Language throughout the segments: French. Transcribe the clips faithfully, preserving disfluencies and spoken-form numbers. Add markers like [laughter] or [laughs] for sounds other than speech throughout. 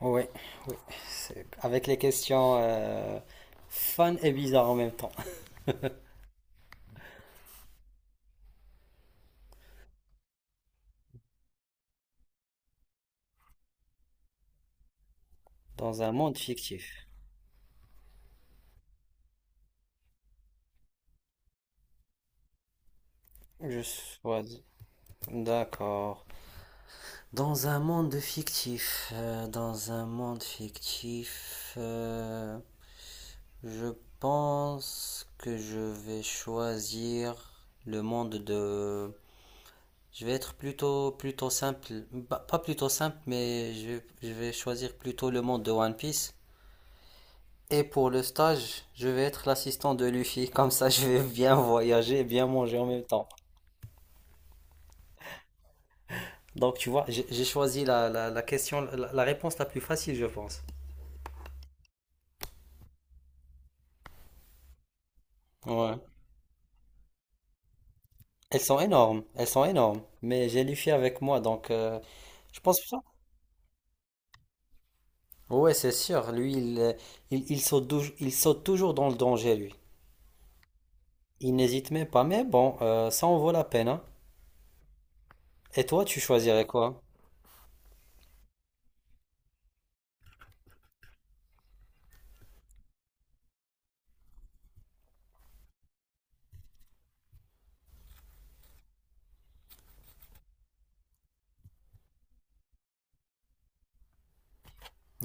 Oui, oui. C'est- Avec les questions euh, fun et bizarres en même temps. Dans un monde fictif. Je choisis. D'accord. Dans un monde fictif. euh, dans un monde fictif. euh, je pense que je vais choisir le monde de. Je vais être plutôt plutôt simple. Bah, pas plutôt simple, mais je, je vais choisir plutôt le monde de One Piece. Et pour le stage, je vais être l'assistant de Luffy, [laughs] comme ça je vais bien voyager et bien manger en même temps. Donc tu vois, j'ai j'ai choisi la, la, la question, la, la réponse la plus facile, je pense. Ouais. Elles sont énormes, elles sont énormes. Mais j'ai Luffy avec moi, donc euh, je pense que ça. Ouais, c'est sûr, lui, il, euh, il, il saute, dou- il saute toujours dans le danger, lui. Il n'hésite même pas, mais bon, euh, ça en vaut la peine, hein. Et toi, tu choisirais quoi?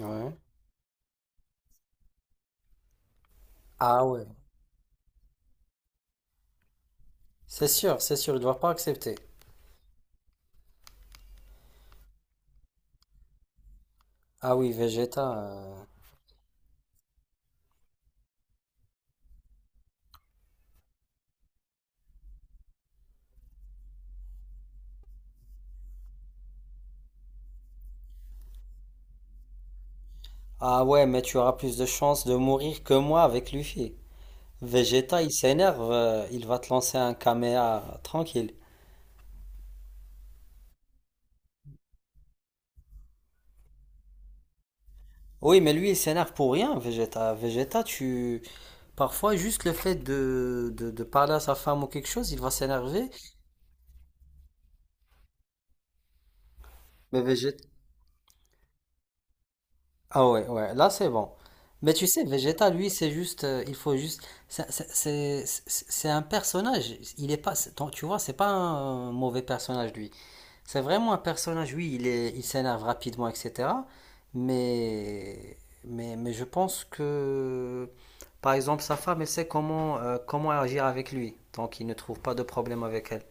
Ouais. Ah ouais. C'est sûr, c'est sûr, il ne doit pas accepter. Ah oui, Vegeta. euh, Ah ouais, mais tu auras plus de chances de mourir que moi avec Luffy. Vegeta, il s'énerve, euh, il va te lancer un caméa tranquille. Oui, mais lui, il s'énerve pour rien, Vegeta. Vegeta, tu... Parfois, juste le fait de, de, de parler à sa femme ou quelque chose, il va s'énerver. Mais Vegeta... Ah ouais, ouais, là, c'est bon. Mais tu sais, Vegeta, lui, c'est juste... euh, il faut juste... C'est c'est- c'est- c'est- c'est un personnage. Il est pas... c'est- Tu vois, c'est pas un mauvais personnage, lui. C'est vraiment un personnage, oui, il est, il s'énerve rapidement, et cætera. Mais, mais, mais je pense que, par exemple, sa femme, elle sait comment, euh, comment agir avec lui. Donc, il ne trouve pas de problème avec elle.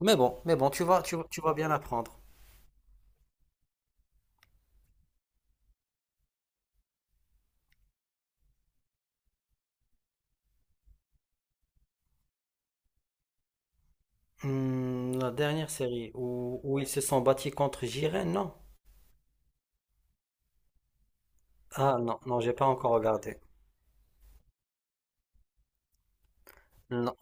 Mais bon, mais bon, tu vas, tu, vas- tu vas bien apprendre. Hmm, la dernière série où, où ils se sont battus contre Jiren, non? Ah non, non, j'ai pas encore regardé. Non.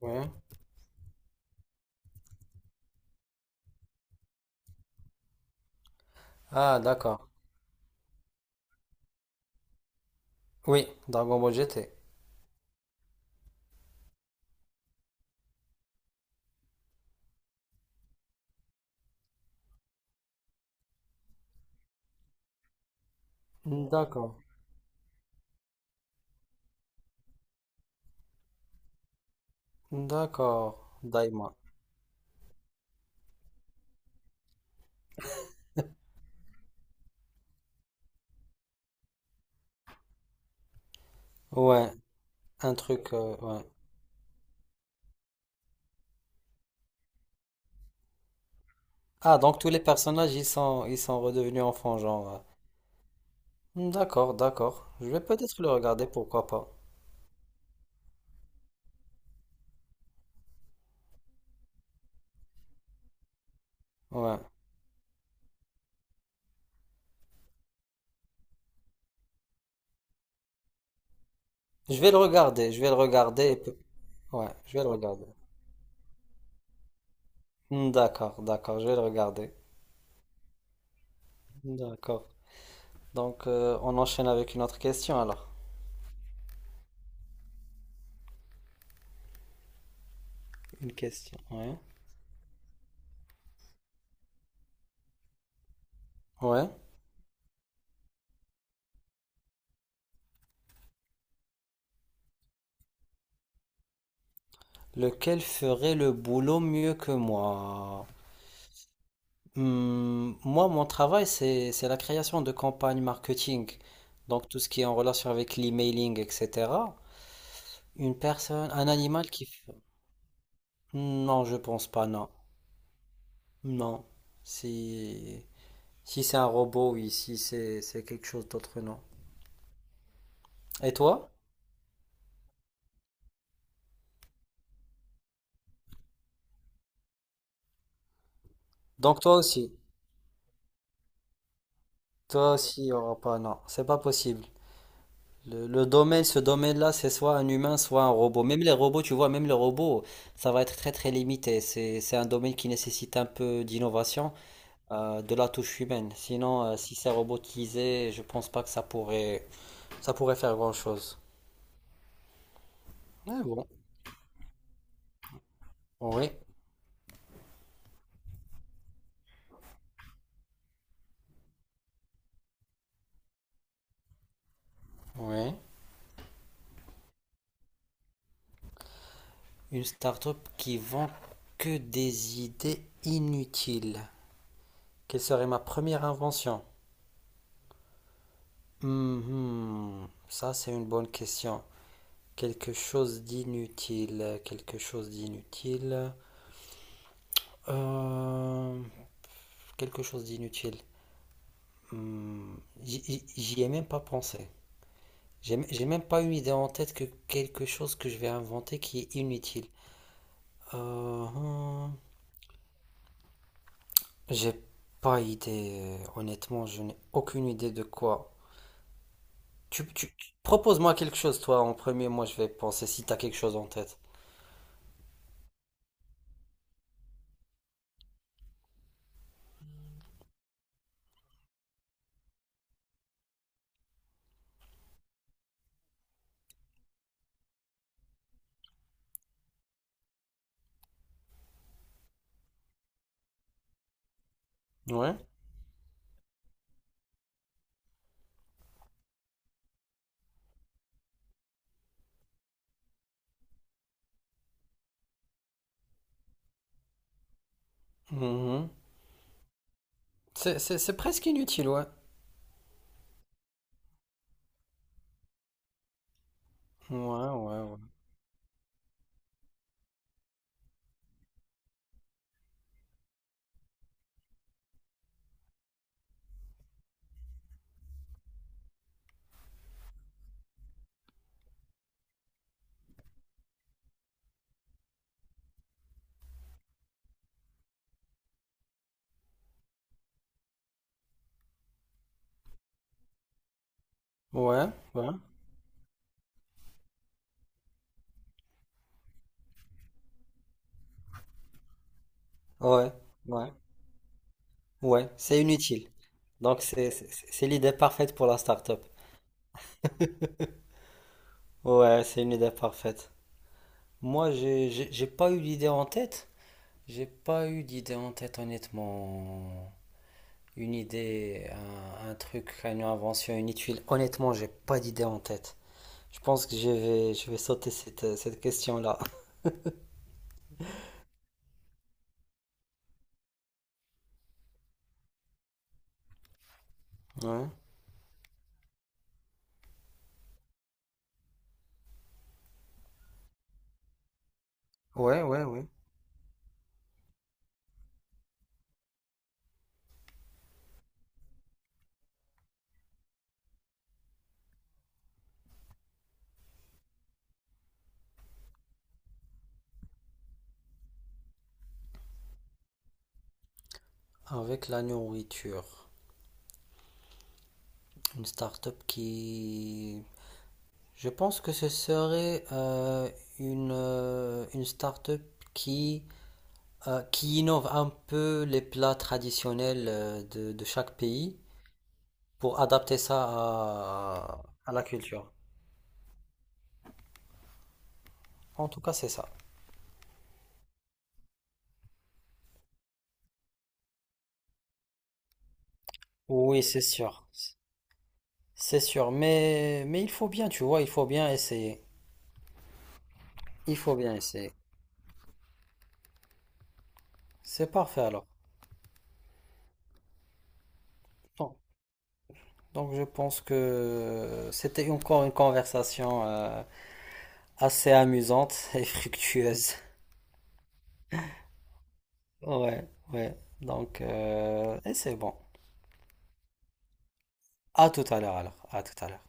Ouais. Ah, d'accord. Oui, Dragon Ball G T. D'accord. D'accord. Daima. Ouais, un truc, euh, ouais. Ah, donc tous les personnages, ils sont, ils sont redevenus enfants, genre. euh. Hmm, d'accord, d'accord. Je vais peut-être le regarder, pourquoi pas. Ouais. Je vais le regarder, je vais le regarder. et peu- Ouais, je vais le regarder. Hmm, d'accord, d'accord, je vais le regarder. D'accord. Donc, euh, on enchaîne avec une autre question, alors. Une question, ouais. Ouais. Lequel ferait le boulot mieux que moi? Hmm, moi, mon travail, c'est, c'est la création de campagnes marketing. Donc, tout ce qui est en relation avec l'emailing, et cætera. Une personne, un animal qui... f- Non, je pense pas, non. Non. Si, si c'est un robot, oui. Si c'est c'est quelque chose d'autre, non. Et toi? Donc toi aussi. Toi aussi, il n'y aura pas, non. C'est pas possible. Le, le domaine, ce domaine-là, c'est soit un humain, soit un robot. Même les robots, tu vois, même les robots, ça va être très très limité. C'est, c'est un domaine qui nécessite un peu d'innovation, euh, de la touche humaine. Sinon, euh, si c'est robotisé, je pense pas que ça pourrait, ça pourrait faire grand-chose. Mais bon, oui. Ouais. Une start-up qui vend que des idées inutiles. Quelle serait ma première invention? Mhm. Ça, c'est une bonne question. Quelque chose d'inutile. Quelque chose d'inutile. Euh, quelque chose d'inutile. Hmm, J'y j'y- j'y ai même pas pensé. J'ai j'ai même pas une idée en tête que quelque chose que je vais inventer qui est inutile. Euh, hmm. J'ai pas idée, euh, honnêtement, je n'ai aucune idée de quoi. Tu, tu- tu- propose-moi quelque chose, toi, en premier, moi je vais penser si t'as quelque chose en tête. Ouais. Mhm. C'est, c'est, c'est presque inutile, ouais. Ouais, ouais, ouais. Ouais, ouais. Ouais, ouais. Ouais, c'est inutile. Donc c'est, c'est, c'est l'idée parfaite pour la start-up. Ouais, c'est une idée parfaite. Moi, j'ai, j'ai j'ai pas eu d'idée en tête. J'ai pas eu d'idée en tête, honnêtement. une idée, un, un truc, une invention, une tuile. Honnêtement, j'ai pas d'idée en tête. Je pense que je vais, je vais sauter cette, cette question-là. Ouais, ouais, ouais, ouais. Avec la nourriture, une start-up qui... Je pense que ce serait euh, une, euh, une start-up qui, euh, qui innove un peu les plats traditionnels euh, de, de chaque pays pour adapter ça à, à la culture. En tout cas, c'est ça. Oui, c'est sûr. C'est sûr, mais, mais il faut bien, tu vois, il faut bien essayer. Il faut bien essayer. C'est parfait alors. Bon. Donc je pense que c'était encore une conversation euh, assez amusante [laughs] et fructueuse. Ouais, ouais. Donc, euh, et c'est bon. À tout à l'heure alors. À tout à l'heure.